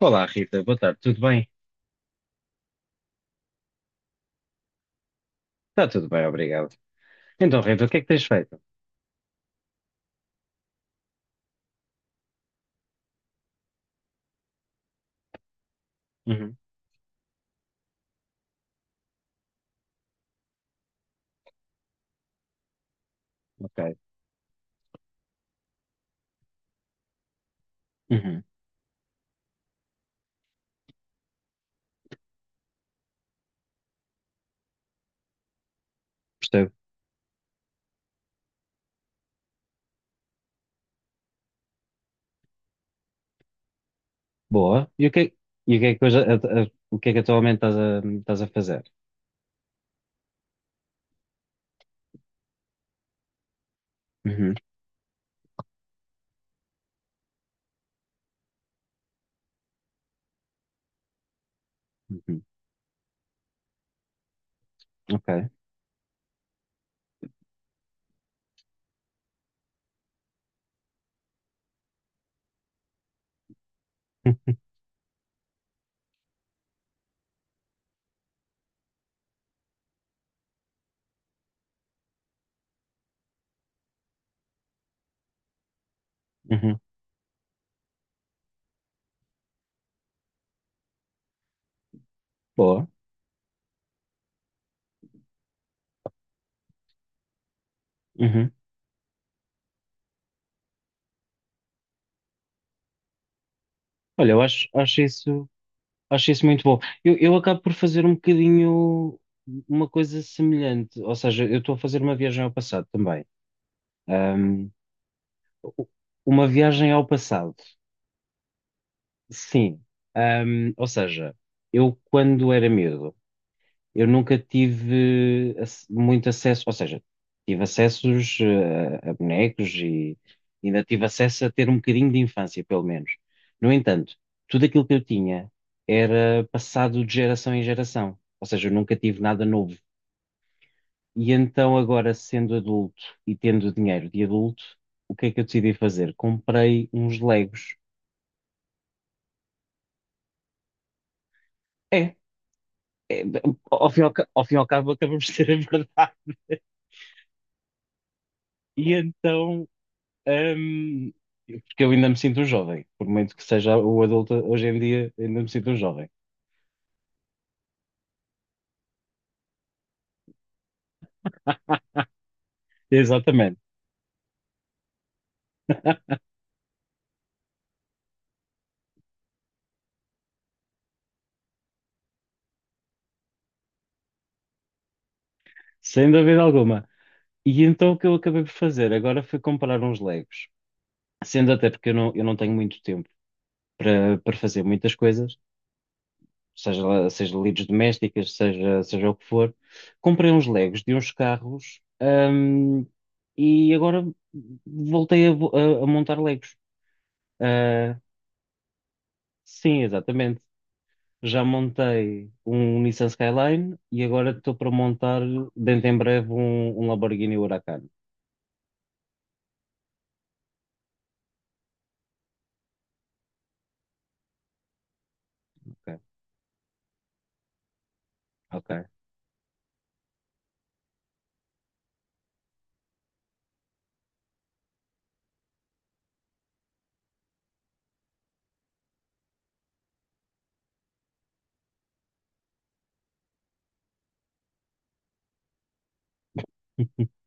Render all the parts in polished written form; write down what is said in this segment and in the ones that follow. Olá, Rita, boa tarde, tudo bem? Está tudo bem, obrigado. Então, Rita, o que é que tens feito? Uhum, ok. Uhum, percebo. Boa. E o que, é, e o que é que, hoje, o que é que atualmente estás a fazer? Uhum, uhum, ok. Uhum, boa. Uhum. Olha, acho isso muito bom. Eu acabo por fazer um bocadinho uma coisa semelhante, ou seja, eu estou a fazer uma viagem ao passado também. Ahm, u- uma viagem ao passado. Sim. Ou seja, eu quando era miúdo, eu nunca tive muito acesso, ou seja, tive acessos a, bonecos e ainda tive acesso a ter um bocadinho de infância, pelo menos. No entanto, tudo aquilo que eu tinha era passado de geração em geração, ou seja, eu nunca tive nada novo. E então agora, sendo adulto e tendo dinheiro de adulto, o que é que eu decidi fazer? Comprei uns Legos. é é, ao fim e ao fim e ao cabo acabamos de ter a verdade. E então, hum, porque eu ainda me sinto um jovem, por muito que seja o adulto hoje em dia, ainda me sinto um jovem. Exatamente, sem dúvida alguma. E então o que eu acabei por fazer agora foi comprar uns Legos, sendo até porque eu não tenho muito tempo para, para fazer muitas coisas. Seja lides domésticas, seja o que for. Comprei uns Legos de uns carros, e agora voltei a montar Legos. Ah, sim, exatamente. Já montei um Nissan Skyline e agora estou para montar dentro em breve um Lamborghini Huracan. Ok, ok,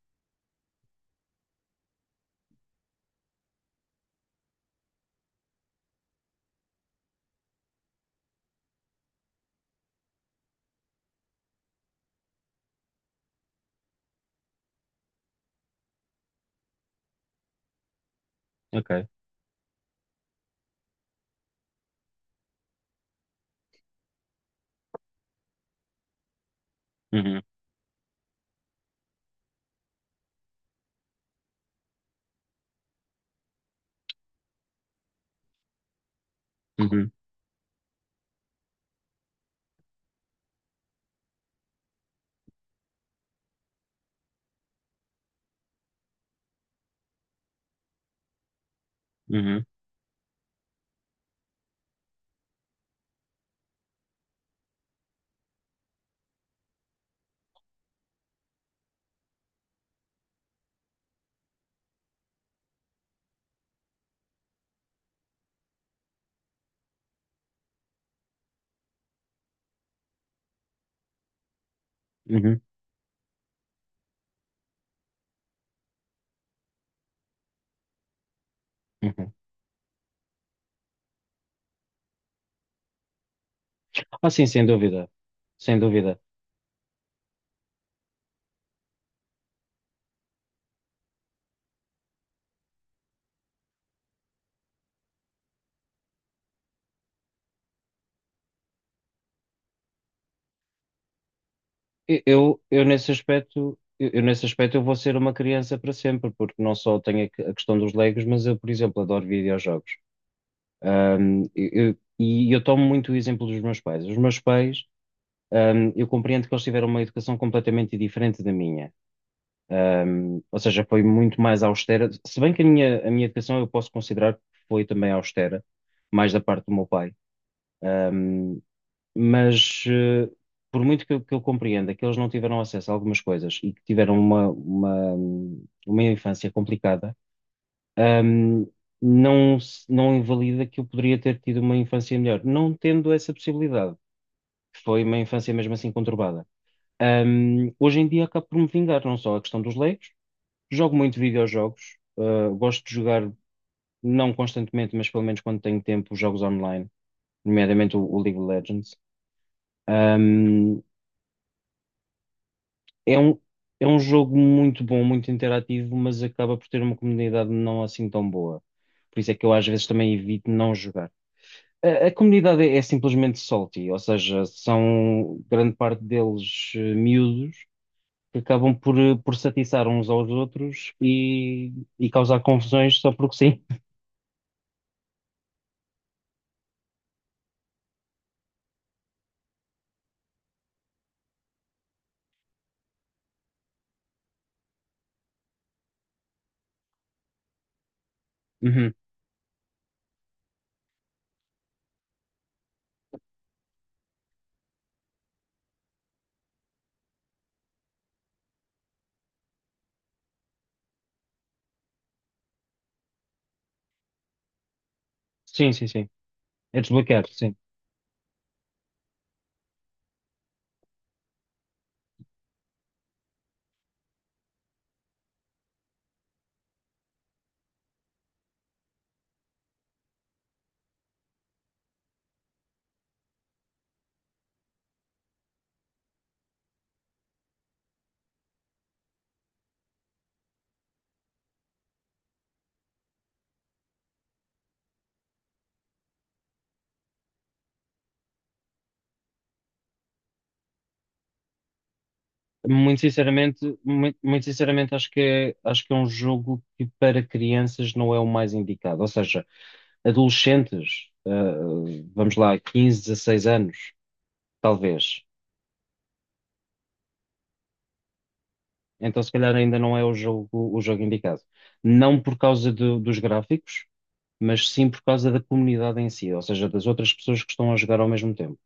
ok. Uhum, uhum, uhum, uhum, uhum. Ah, sim, sem dúvida. Sem dúvida. Eu, eu nesse aspecto eu vou ser uma criança para sempre, porque não só tenho a questão dos Legos, mas eu, por exemplo, adoro videojogos. E eu tomo muito o exemplo dos meus pais. Os meus pais, eu compreendo que eles tiveram uma educação completamente diferente da minha. Ou seja, foi muito mais austera. Se bem que a minha educação eu posso considerar que foi também austera, mais da parte do meu pai, mas por muito que que eu compreenda que eles não tiveram acesso a algumas coisas e que tiveram uma infância complicada. hum, não, não invalida que eu poderia ter tido uma infância melhor, não tendo essa possibilidade, que foi uma infância mesmo assim conturbada. Hoje em dia acabo por me vingar, não só a questão dos leigos, jogo muito videojogos, gosto de jogar, não constantemente, mas pelo menos quando tenho tempo, jogos online, nomeadamente o League of Legends. Hum, É é um jogo muito bom, muito interativo, mas acaba por ter uma comunidade não assim tão boa. Por isso é que eu às vezes também evito não jogar. A comunidade é, é simplesmente salty, ou seja, são grande parte deles miúdos que acabam por se atiçar uns aos outros e causar confusões só porque sim. Uhum. Sim, sim, sim. É desbloquear, sim. Muito sinceramente, muito, muito sinceramente acho que é um jogo que para crianças não é o mais indicado. Ou seja, adolescentes, vamos lá, 15, 16 anos, talvez. Então, se calhar, ainda não é o jogo indicado. Não por causa dos gráficos, mas sim por causa da comunidade em si, ou seja, das outras pessoas que estão a jogar ao mesmo tempo.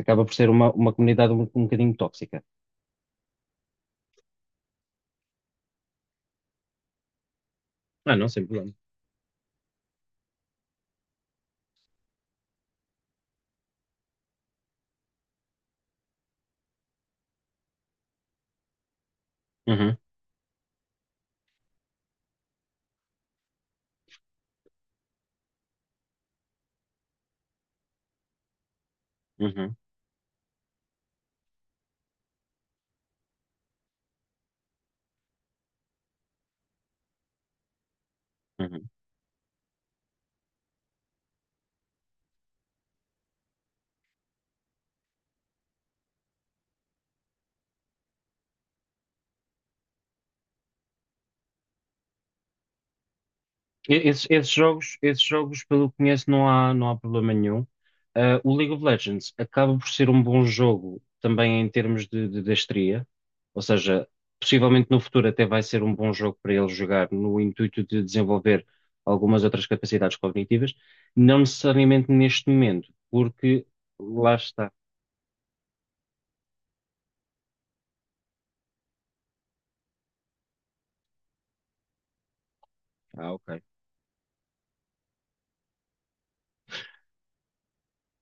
Acaba por ser uma comunidade um bocadinho tóxica. Ah, não, sem problema. Uhum, uhum, uhum. Esses, esses jogos, pelo que conheço, não há problema nenhum. Ah, o League of Legends acaba por ser um bom jogo também em termos de destreza, ou seja, possivelmente no futuro até vai ser um bom jogo para ele jogar no intuito de desenvolver algumas outras capacidades cognitivas, não necessariamente neste momento, porque lá está. Ah, ok.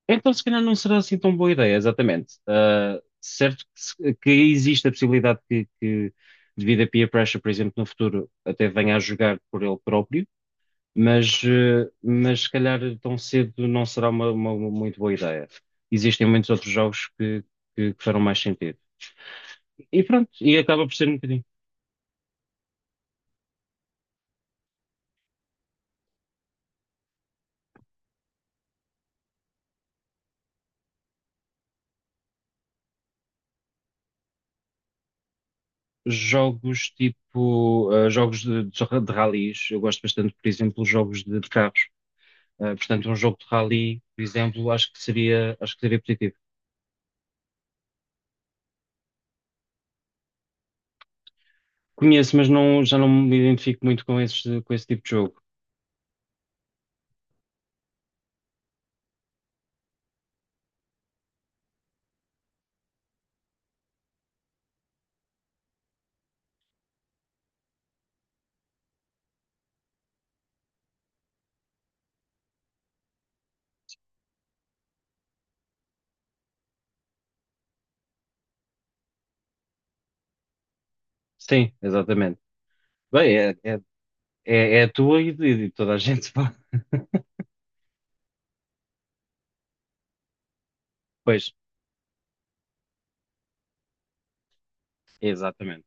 Então, se calhar não será assim tão boa ideia, exatamente. Ah, certo que, se- que existe a possibilidade devido a peer pressure, por exemplo, no futuro, até venha a jogar por ele próprio, mas, mas se calhar tão cedo não será uma muito boa ideia. Existem muitos outros que farão mais sentido. E pronto, e acaba por ser um bocadinho. Jogos tipo, ah, de ralis, eu gosto bastante, por exemplo, jogos de carros. Portanto, um jogo de rally, por exemplo, acho que seria positivo. Conheço, mas não, já não me identifico muito com esse tipo de jogo. Sim, exatamente. Bem, é a tua e de toda a gente. Pá. Pois, exatamente.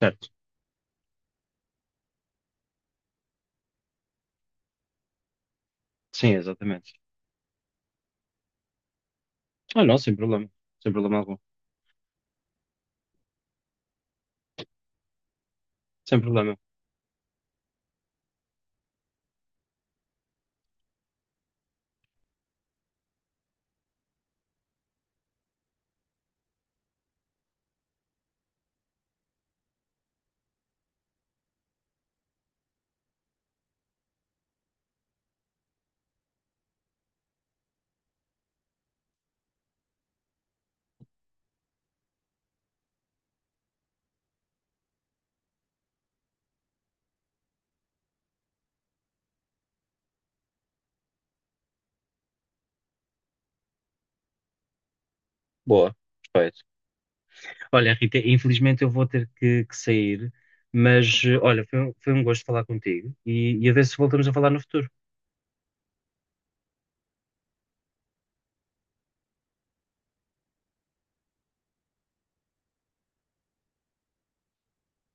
Certo. Sim, exatamente. Ah, não, sem problema. Sem problema algum. Sem problema. Boa. Perfeito. Olha, Rita, infelizmente eu vou ter que sair, mas olha, foi um gosto falar contigo e a ver se voltamos a falar no futuro.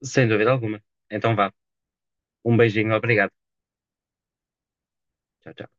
Sem dúvida alguma. Então vá. Um beijinho, obrigado. Tchau, tchau.